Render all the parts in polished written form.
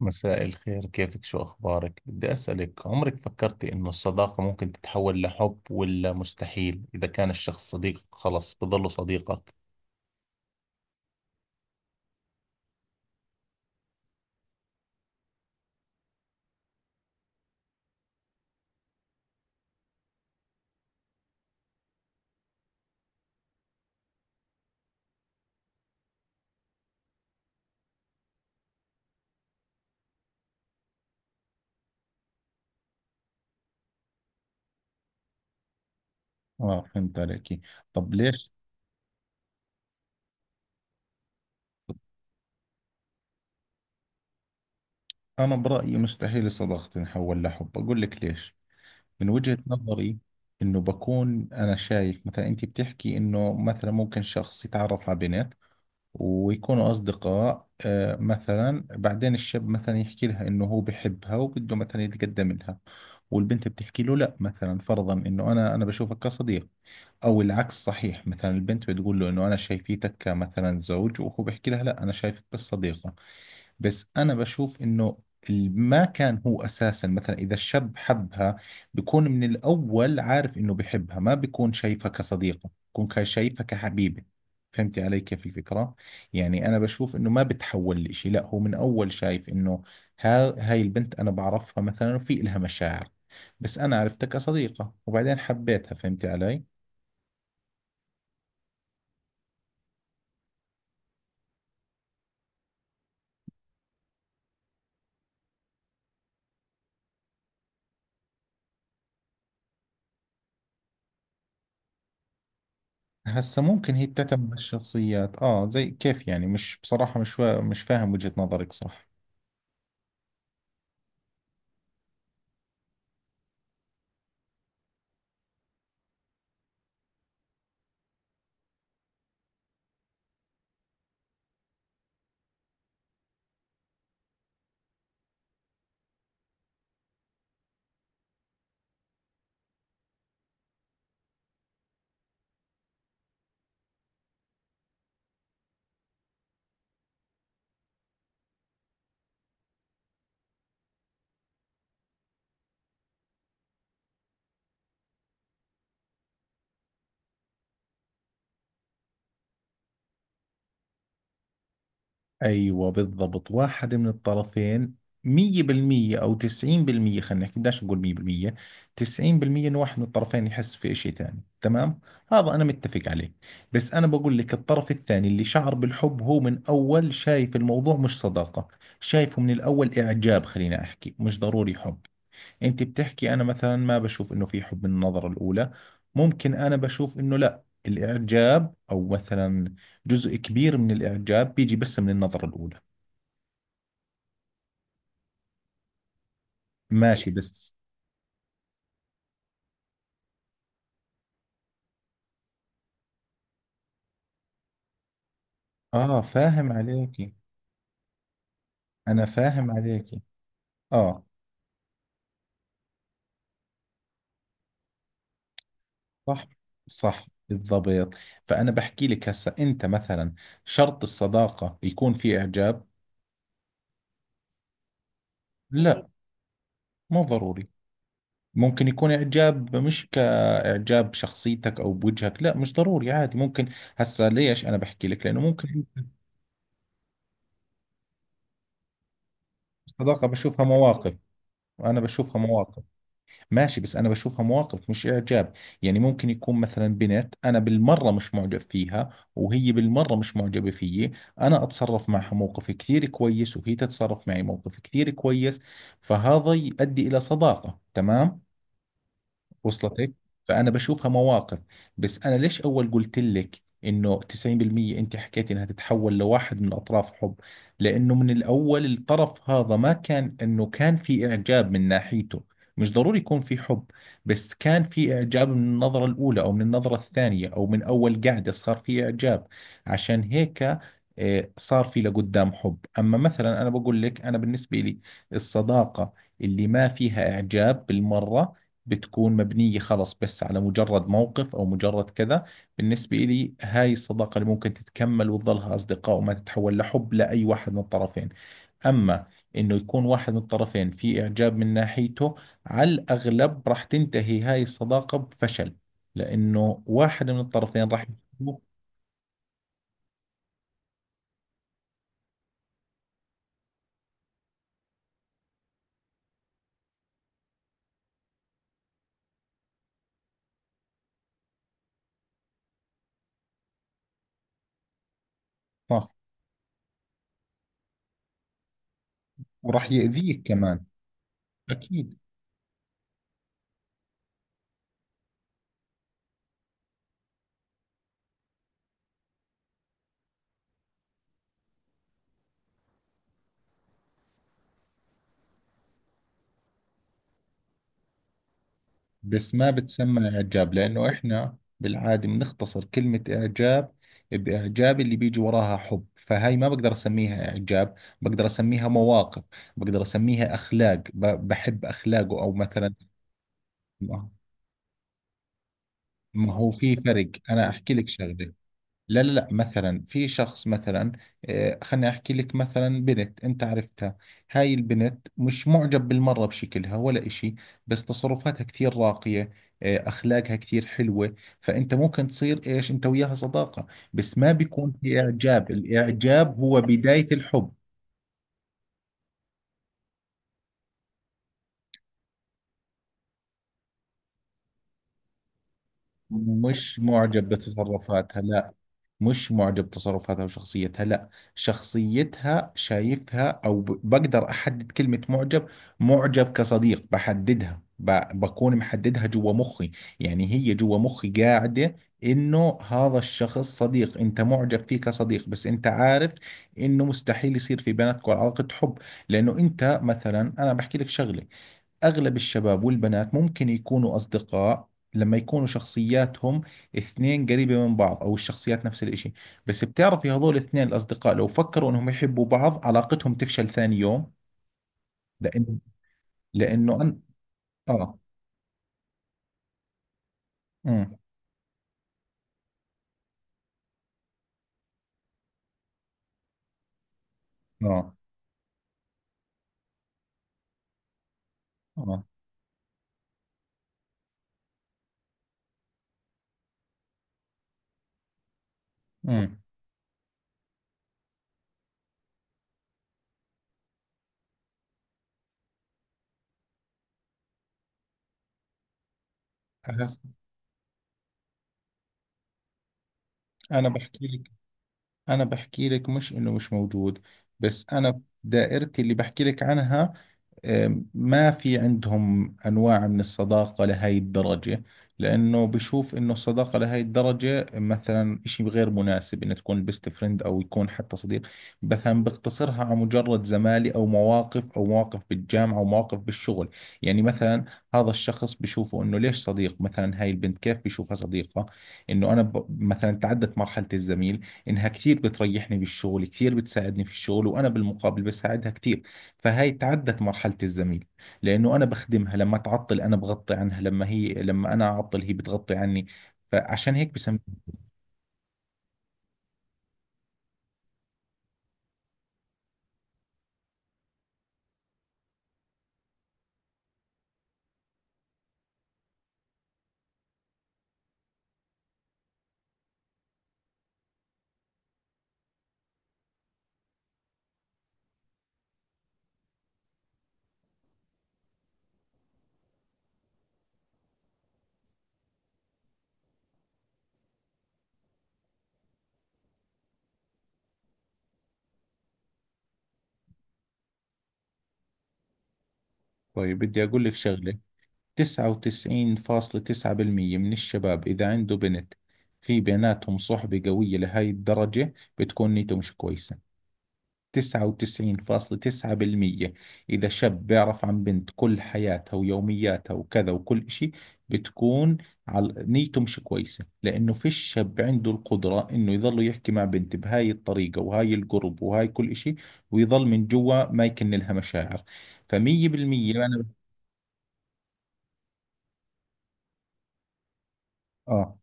مساء الخير، كيفك؟ شو أخبارك؟ بدي أسألك، عمرك فكرتي إنه الصداقة ممكن تتحول لحب، ولا مستحيل إذا كان الشخص صديقك خلص بضله صديقك؟ آه، فهمت عليك. طب ليش؟ أنا برأيي مستحيل الصداقة تنحول لحب. أقول لك ليش، من وجهة نظري. إنه بكون أنا شايف مثلا، أنت بتحكي إنه مثلا ممكن شخص يتعرف على بنت ويكونوا أصدقاء، آه، مثلا بعدين الشاب مثلا يحكي لها إنه هو بحبها وبده مثلا يتقدم لها، والبنت بتحكي له لا، مثلا فرضا، إنه أنا بشوفك كصديق. أو العكس صحيح، مثلا البنت بتقول له إنه أنا شايفيتك كمثلا زوج، وهو بيحكي لها لا أنا شايفك بس صديقة. بس انا بشوف انه ما كان هو اساسا، مثلا اذا الشاب حبها بيكون من الاول عارف انه بحبها، ما بيكون شايفها كصديقة، بيكون شايفها كحبيبة. فهمتي علي كيف الفكرة؟ يعني انا بشوف انه ما بتحول لإشي، لا هو من اول شايف انه ها هاي البنت انا بعرفها مثلا وفي إلها مشاعر، بس انا عرفتها كصديقة وبعدين حبيتها. فهمتي علي؟ هسا ممكن هي بتعتمد على الشخصيات، زي كيف يعني. مش بصراحة، مش فاهم وجهة نظرك صح؟ ايوه بالضبط، واحد من الطرفين. مية بالمية او تسعين بالمية، خلينا نحكي بدناش نقول مية بالمية، تسعين بالمية انه واحد من الطرفين يحس في اشي ثاني. تمام، هذا انا متفق عليه. بس انا بقول لك الطرف الثاني اللي شعر بالحب هو من اول شايف الموضوع مش صداقة، شايفه من الاول اعجاب، خلينا احكي مش ضروري حب. انت بتحكي انا مثلا ما بشوف انه في حب من النظرة الاولى، ممكن انا بشوف انه لا، الاعجاب او مثلا جزء كبير من الاعجاب بيجي بس من النظرة الاولى. ماشي بس، اه فاهم عليكي. انا فاهم عليكي. اه صح. صح بالضبط. فانا بحكي لك هسه، انت مثلا شرط الصداقة يكون في اعجاب؟ لا، مو ضروري. ممكن يكون إعجاب مش كإعجاب بشخصيتك أو بوجهك، لا مش ضروري، عادي ممكن. هسا ليش أنا بحكي لك؟ لأنه ممكن الصداقة بشوفها مواقف. أنا بشوفها مواقف. ماشي، بس أنا بشوفها مواقف مش إعجاب. يعني ممكن يكون مثلا بنت أنا بالمرة مش معجب فيها، وهي بالمرة مش معجبة فيي. أنا أتصرف معها موقف كثير كويس، وهي تتصرف معي موقف كثير كويس، فهذا يؤدي إلى صداقة. تمام، وصلتك؟ فانا بشوفها مواقف. بس انا ليش اول قلت لك انه 90%؟ انت حكيت انها تتحول لواحد من اطراف حب، لانه من الاول الطرف هذا ما كان انه كان في اعجاب من ناحيته، مش ضروري يكون في حب، بس كان في اعجاب من النظرة الاولى او من النظرة الثانية او من اول قعدة صار في اعجاب، عشان هيك آه، صار في لقدام حب. اما مثلا انا بقول لك انا بالنسبة لي، الصداقة اللي ما فيها اعجاب بالمرة بتكون مبنية خلص بس على مجرد موقف أو مجرد كذا. بالنسبة إلي، هاي الصداقة اللي ممكن تتكمل وتظلها أصدقاء وما تتحول لحب لأي واحد من الطرفين. أما إنه يكون واحد من الطرفين في إعجاب من ناحيته، على الأغلب راح تنتهي هاي الصداقة بفشل، لأنه واحد من الطرفين راح يحبه، آه، وراح يأذيك كمان. أكيد. بس ما بتسمى إعجاب، لأنه إحنا بالعادة بنختصر كلمة إعجاب بإعجاب اللي بيجي وراها حب، فهاي ما بقدر أسميها إعجاب، بقدر أسميها مواقف، بقدر أسميها أخلاق، بحب أخلاقه أو مثلا. ما ما هو في فرق، أنا أحكي لك شغلة. لا لا لا، مثلا في شخص مثلا آه، خليني احكي لك. مثلا بنت انت عرفتها، هاي البنت مش معجب بالمرة بشكلها ولا اشي، بس تصرفاتها كثير راقية آه، اخلاقها كثير حلوة، فانت ممكن تصير ايش انت وياها صداقة، بس ما بيكون في اعجاب. الاعجاب هو بداية الحب. مش معجب بتصرفاتها، لا. مش معجب بتصرفاتها وشخصيتها، لا. شخصيتها شايفها، أو بقدر أحدد كلمة معجب. معجب كصديق، بحددها بكون محددها جوا مخي. يعني هي جوا مخي قاعدة إنه هذا الشخص صديق أنت معجب فيه كصديق، بس أنت عارف إنه مستحيل يصير في بيناتكم علاقة حب. لأنه أنت مثلا، أنا بحكي لك شغلة، أغلب الشباب والبنات ممكن يكونوا أصدقاء لما يكونوا شخصياتهم اثنين قريبة من بعض أو الشخصيات نفس الإشي، بس بتعرفي هذول الاثنين الأصدقاء لو فكروا إنهم يحبوا بعض علاقتهم تفشل ثاني يوم. لأن لأنه أنا آه، أمم. آه. آه، أمم. أحس- أنا بحكي لك، أنا بحكي لك مش إنه مش موجود، بس أنا دائرتي اللي بحكي لك عنها ما في عندهم أنواع من الصداقة لهي الدرجة، لأنه بشوف إنه الصداقة لهي الدرجة مثلا إشي غير مناسب، إنه تكون بيست فريند أو يكون حتى صديق. مثلا بقتصرها على مجرد زمالي أو مواقف أو مواقف بالجامعة أو مواقف بالشغل. يعني مثلا هذا الشخص بشوفه إنه ليش صديق، مثلا هاي البنت كيف بشوفها صديقة؟ إنه أنا مثلا تعدت مرحلة الزميل، إنها كثير بتريحني بالشغل، كثير بتساعدني في الشغل، وأنا بالمقابل بساعدها كثير، فهاي تعدت مرحلة الزميل. لأنه أنا بخدمها لما تعطل، أنا بغطي عنها لما هي، لما أنا أعطل هي بتغطي عني، فعشان هيك بسميها. طيب بدي أقول لك شغلة، 99.9% من الشباب إذا عنده بنت في بيناتهم صحبة قوية لهاي الدرجة بتكون نيته مش كويسة. 99.9% إذا شاب بيعرف عن بنت كل حياتها ويومياتها وكذا وكل إشي بتكون، على نيته مش كويسة، لأنه فيش شاب عنده القدرة إنه يظل يحكي مع بنت بهاي الطريقة وهاي القرب وهاي كل إشي ويظل من جوا ما يكن لها مشاعر. فمية بالمية أنا. آه،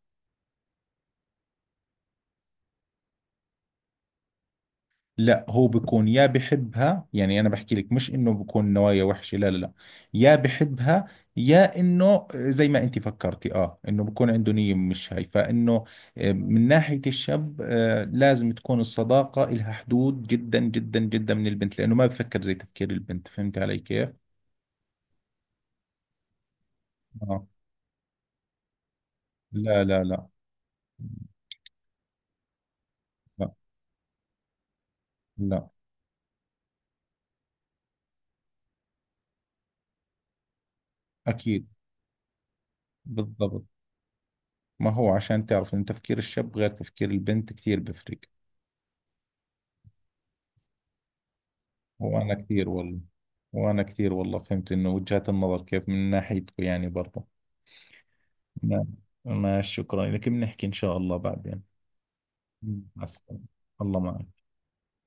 لا هو بيكون يا بحبها، يعني انا بحكي لك مش انه بكون نوايا وحشة، لا لا لا، يا بحبها، يا انه زي ما انت فكرتي اه انه بكون عنده نية مش هاي فانه آه، من ناحية الشاب آه، لازم تكون الصداقة إلها حدود جدا جدا جدا من البنت، لانه ما بفكر زي تفكير البنت. فهمت علي كيف؟ اه. لا لا لا. لا. لا. اكيد بالضبط. ما هو عشان تعرف انه تفكير الشاب غير تفكير البنت كثير بفرق. وأنا كثير والله، وأنا كثير والله فهمت إنه وجهات النظر كيف من ناحيتكم يعني برضه. ما ما شكرا لك، بنحكي إن شاء الله بعدين. مع السلامة. الله معك.